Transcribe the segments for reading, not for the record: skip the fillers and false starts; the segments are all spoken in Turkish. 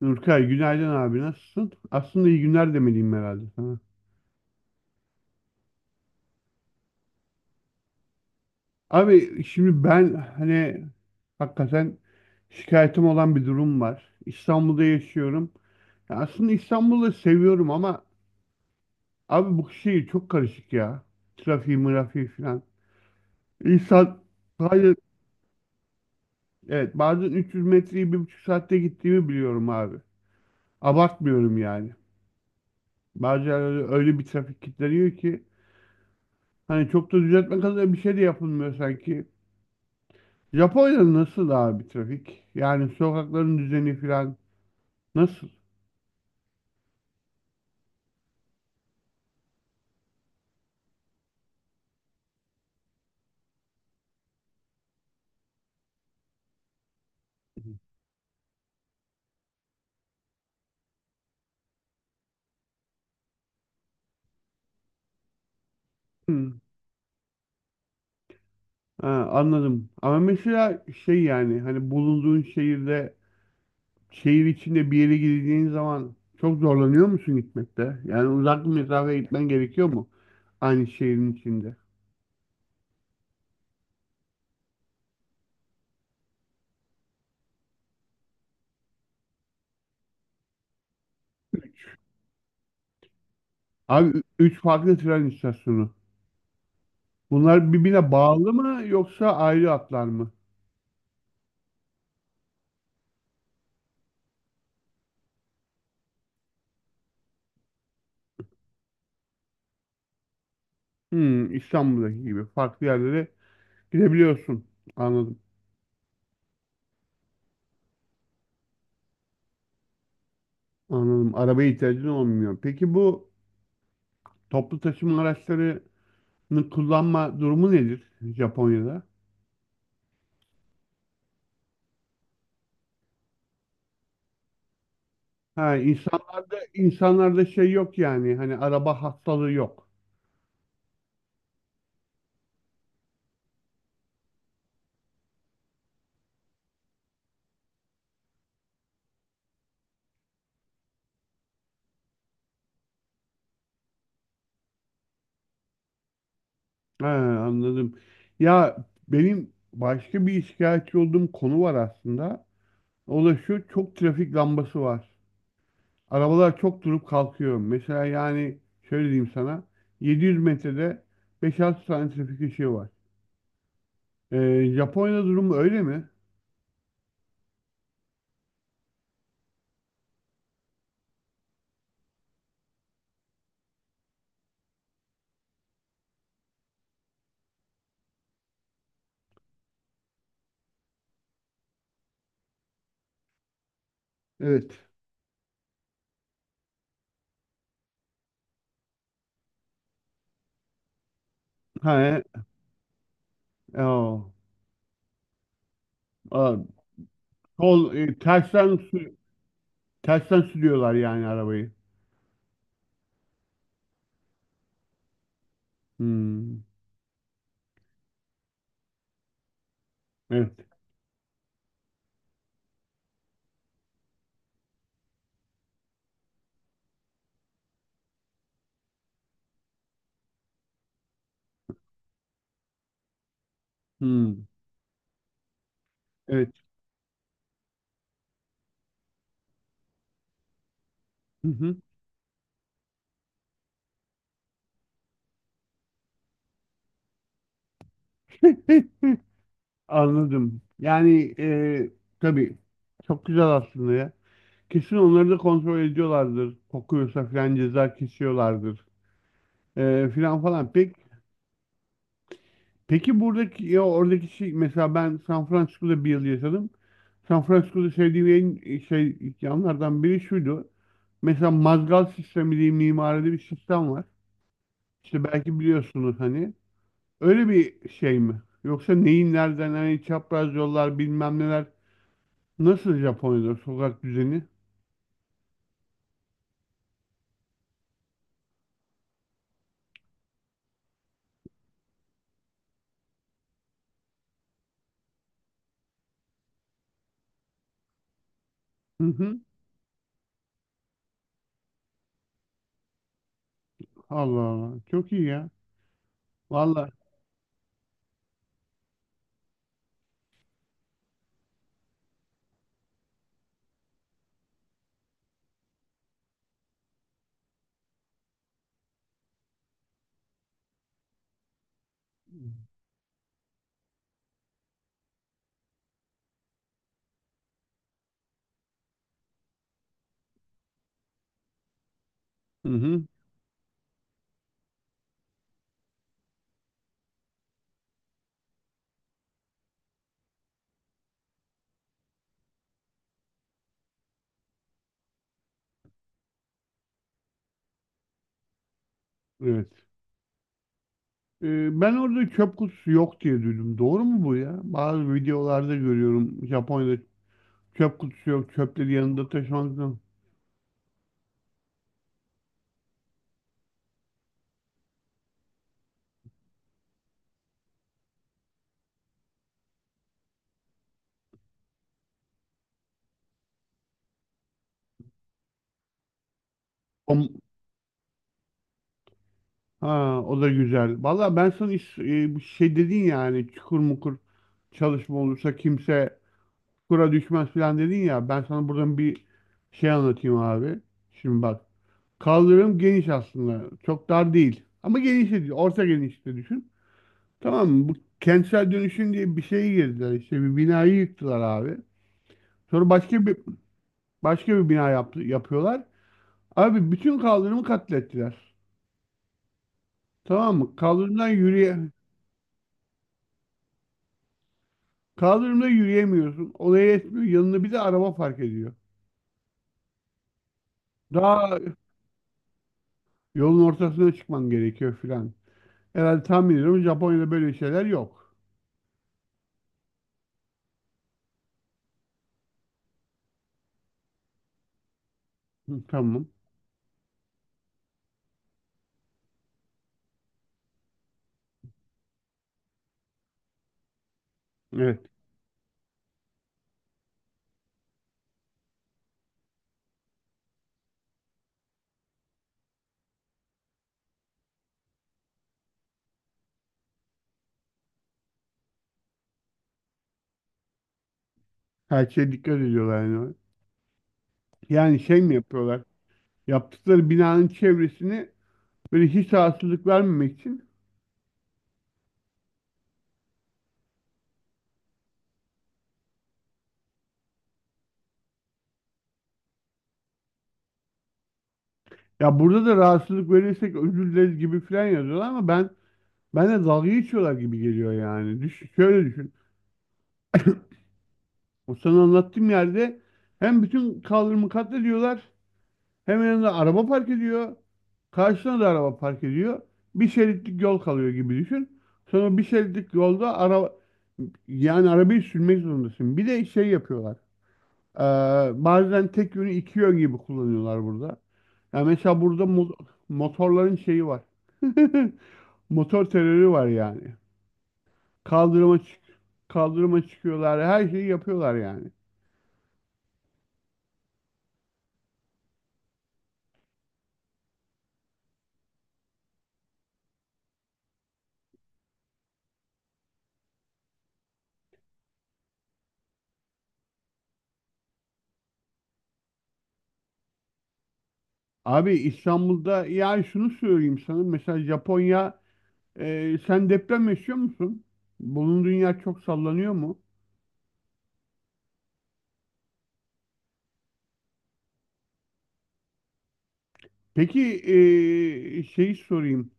Nurkay günaydın abi nasılsın? Aslında iyi günler demeliyim herhalde sana. Abi şimdi ben hani hakikaten şikayetim olan bir durum var. İstanbul'da yaşıyorum. Ya aslında İstanbul'u seviyorum ama abi bu şehir çok karışık ya. Trafiği, mırafiği falan. İnsan. Hayır. Evet, bazen 300 metreyi 1,5 saatte gittiğimi biliyorum abi. Abartmıyorum yani. Bazen öyle, öyle bir trafik kilitleniyor ki hani çok da düzeltme kadar bir şey de yapılmıyor sanki. Japonya'da nasıl abi trafik? Yani sokakların düzeni falan nasıl? Hmm, ha, anladım. Ama mesela şey yani hani bulunduğun şehirde şehir içinde bir yere gideceğin zaman çok zorlanıyor musun gitmekte? Yani uzak bir mesafeye gitmen gerekiyor mu? Aynı şehrin içinde. Abi üç farklı tren istasyonu. Bunlar birbirine bağlı mı yoksa ayrı hatlar mı? Hmm. İstanbul'daki gibi farklı yerlere gidebiliyorsun. Anladım. Anladım. Arabaya ihtiyacın olmuyor. Peki bu toplu taşıma araçlarını kullanma durumu nedir Japonya'da? Ha, insanlarda şey yok yani. Hani araba hastalığı yok. Ha, anladım. Ya benim başka bir şikayetçi olduğum konu var aslında. O da şu çok trafik lambası var. Arabalar çok durup kalkıyor. Mesela yani şöyle diyeyim sana. 700 metrede 5-6 tane trafik ışığı var. Japonya'da durum öyle mi? Evet. Ha, o. Aa, sol e, tersten sü- tersten sürüyorlar yani arabayı. Hmm, evet. Hmm, evet. Hı hı. Anladım. Yani tabii çok güzel aslında ya. Kesin onları da kontrol ediyorlardır. Kokuyorsa falan ceza kesiyorlardır. E, filan falan. Peki Peki buradaki ya oradaki şey mesela ben San Francisco'da bir yıl yaşadım. San Francisco'da sevdiğim en şey yanlardan biri şuydu. Mesela mazgal sistemi diye mimaride bir sistem var. İşte belki biliyorsunuz hani. Öyle bir şey mi? Yoksa neyin nereden hani çapraz yollar bilmem neler. Nasıl Japonya'da sokak düzeni? Hı hı. Allah Allah. Çok iyi ya. Vallahi. Hı hı. Evet. Ben orada çöp kutusu yok diye duydum. Doğru mu bu ya? Bazı videolarda görüyorum Japonya'da çöp kutusu yok, çöpleri yanında taşımak zorunda. O, ha, o da güzel. Valla ben sana bir şey dedin yani çukur mukur çalışma olursa kimse çukura düşmez falan dedin ya. Ben sana buradan bir şey anlatayım abi. Şimdi bak. Kaldırım geniş aslında. Çok dar değil. Ama geniş de değil. Orta genişte düşün. Tamam mı? Bu kentsel dönüşüm diye bir şeye girdiler. İşte bir binayı yıktılar abi. Sonra başka bir bina yaptı, yapıyorlar. Abi bütün kaldırımı katlettiler. Tamam mı? Kaldırımda yürüyemiyorsun. Olaya yetmiyor. Yanına bir de araba fark ediyor. Daha yolun ortasına çıkman gerekiyor filan. Herhalde tahmin ediyorum Japonya'da böyle şeyler yok. Hı, tamam. Evet. Her şeye dikkat ediyorlar yani. Yani şey mi yapıyorlar? Yaptıkları binanın çevresini böyle hiç rahatsızlık vermemek için ya burada da rahatsızlık verirsek özür dileriz gibi falan yazıyorlar ama ben de dalga geçiyorlar gibi geliyor yani. Şöyle düşün. O sana anlattığım yerde hem bütün kaldırımı katlediyorlar. Hemen yanında araba park ediyor. Karşısına da araba park ediyor. Bir şeritlik yol kalıyor gibi düşün. Sonra bir şeritlik yolda yani arabayı sürmek zorundasın. Bir de şey yapıyorlar. Ee, Bazen tek yönü iki yön gibi kullanıyorlar burada. Yani mesela burada motorların şeyi var. Motor terörü var yani. Kaldırıma çık kaldırıma çıkıyorlar. Her şeyi yapıyorlar yani. Abi İstanbul'da yani şunu söyleyeyim sana. Mesela Japonya. Sen deprem yaşıyor musun? Bulunduğun yer çok sallanıyor mu? Peki şeyi sorayım.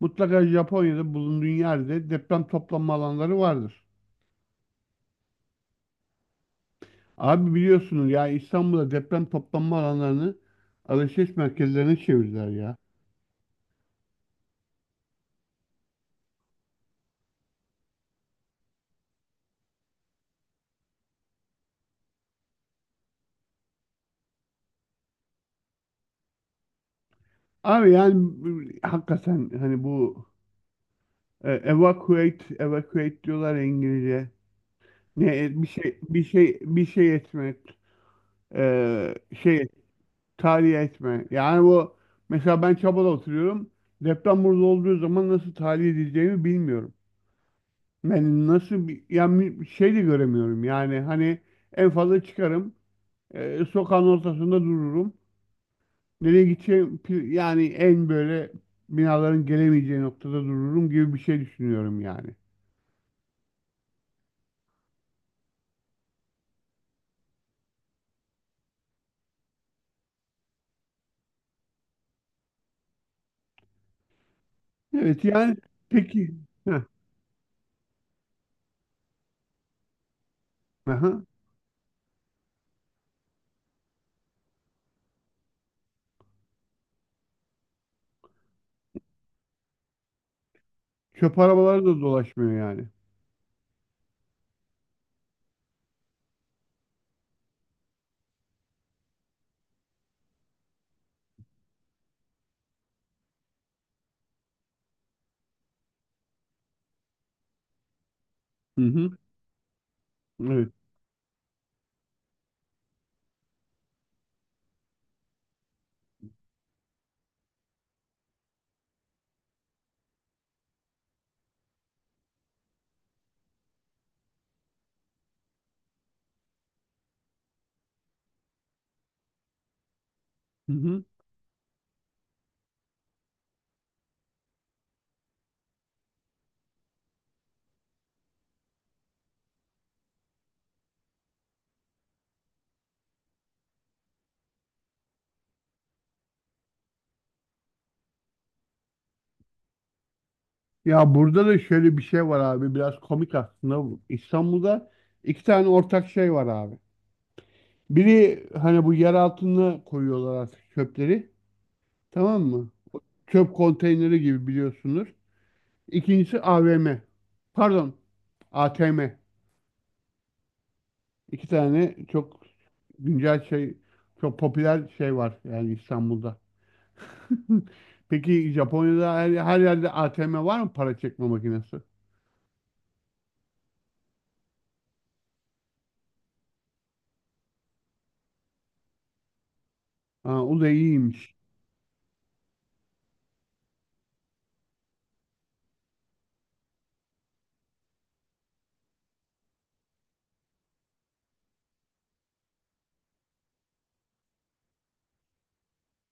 Mutlaka Japonya'da bulunduğun yerde deprem toplanma alanları vardır. Abi biliyorsunuz ya İstanbul'da deprem toplanma alanlarını alışveriş merkezlerine çevirdiler ya. Abi yani hakikaten hani bu evacuate, evacuate diyorlar ya İngilizce. Ne bir şey etmek, eee, şey tahliye etme. Yani bu mesela ben Çaba'da oturuyorum. Deprem burada olduğu zaman nasıl tahliye edileceğimi bilmiyorum. Ben nasıl bir yani bir şey de göremiyorum. Yani hani en fazla çıkarım. Sokağın ortasında dururum. Nereye gideceğim yani en böyle binaların gelemeyeceği noktada dururum gibi bir şey düşünüyorum yani. Evet yani. Peki. Heh, aha. Çöp arabaları da dolaşmıyor yani. Hı hı. Evet. Hı hı. Ya burada da şöyle bir şey var abi biraz komik aslında bu. İstanbul'da iki tane ortak şey var abi. Biri hani bu yer altına koyuyorlar artık çöpleri, tamam mı? Çöp konteyneri gibi biliyorsunuz. İkincisi AVM. Pardon, ATM. İki tane güncel şey çok popüler şey var yani İstanbul'da. Peki Japonya'da her yerde ATM var mı para çekme makinesi? Ha, o da iyiymiş.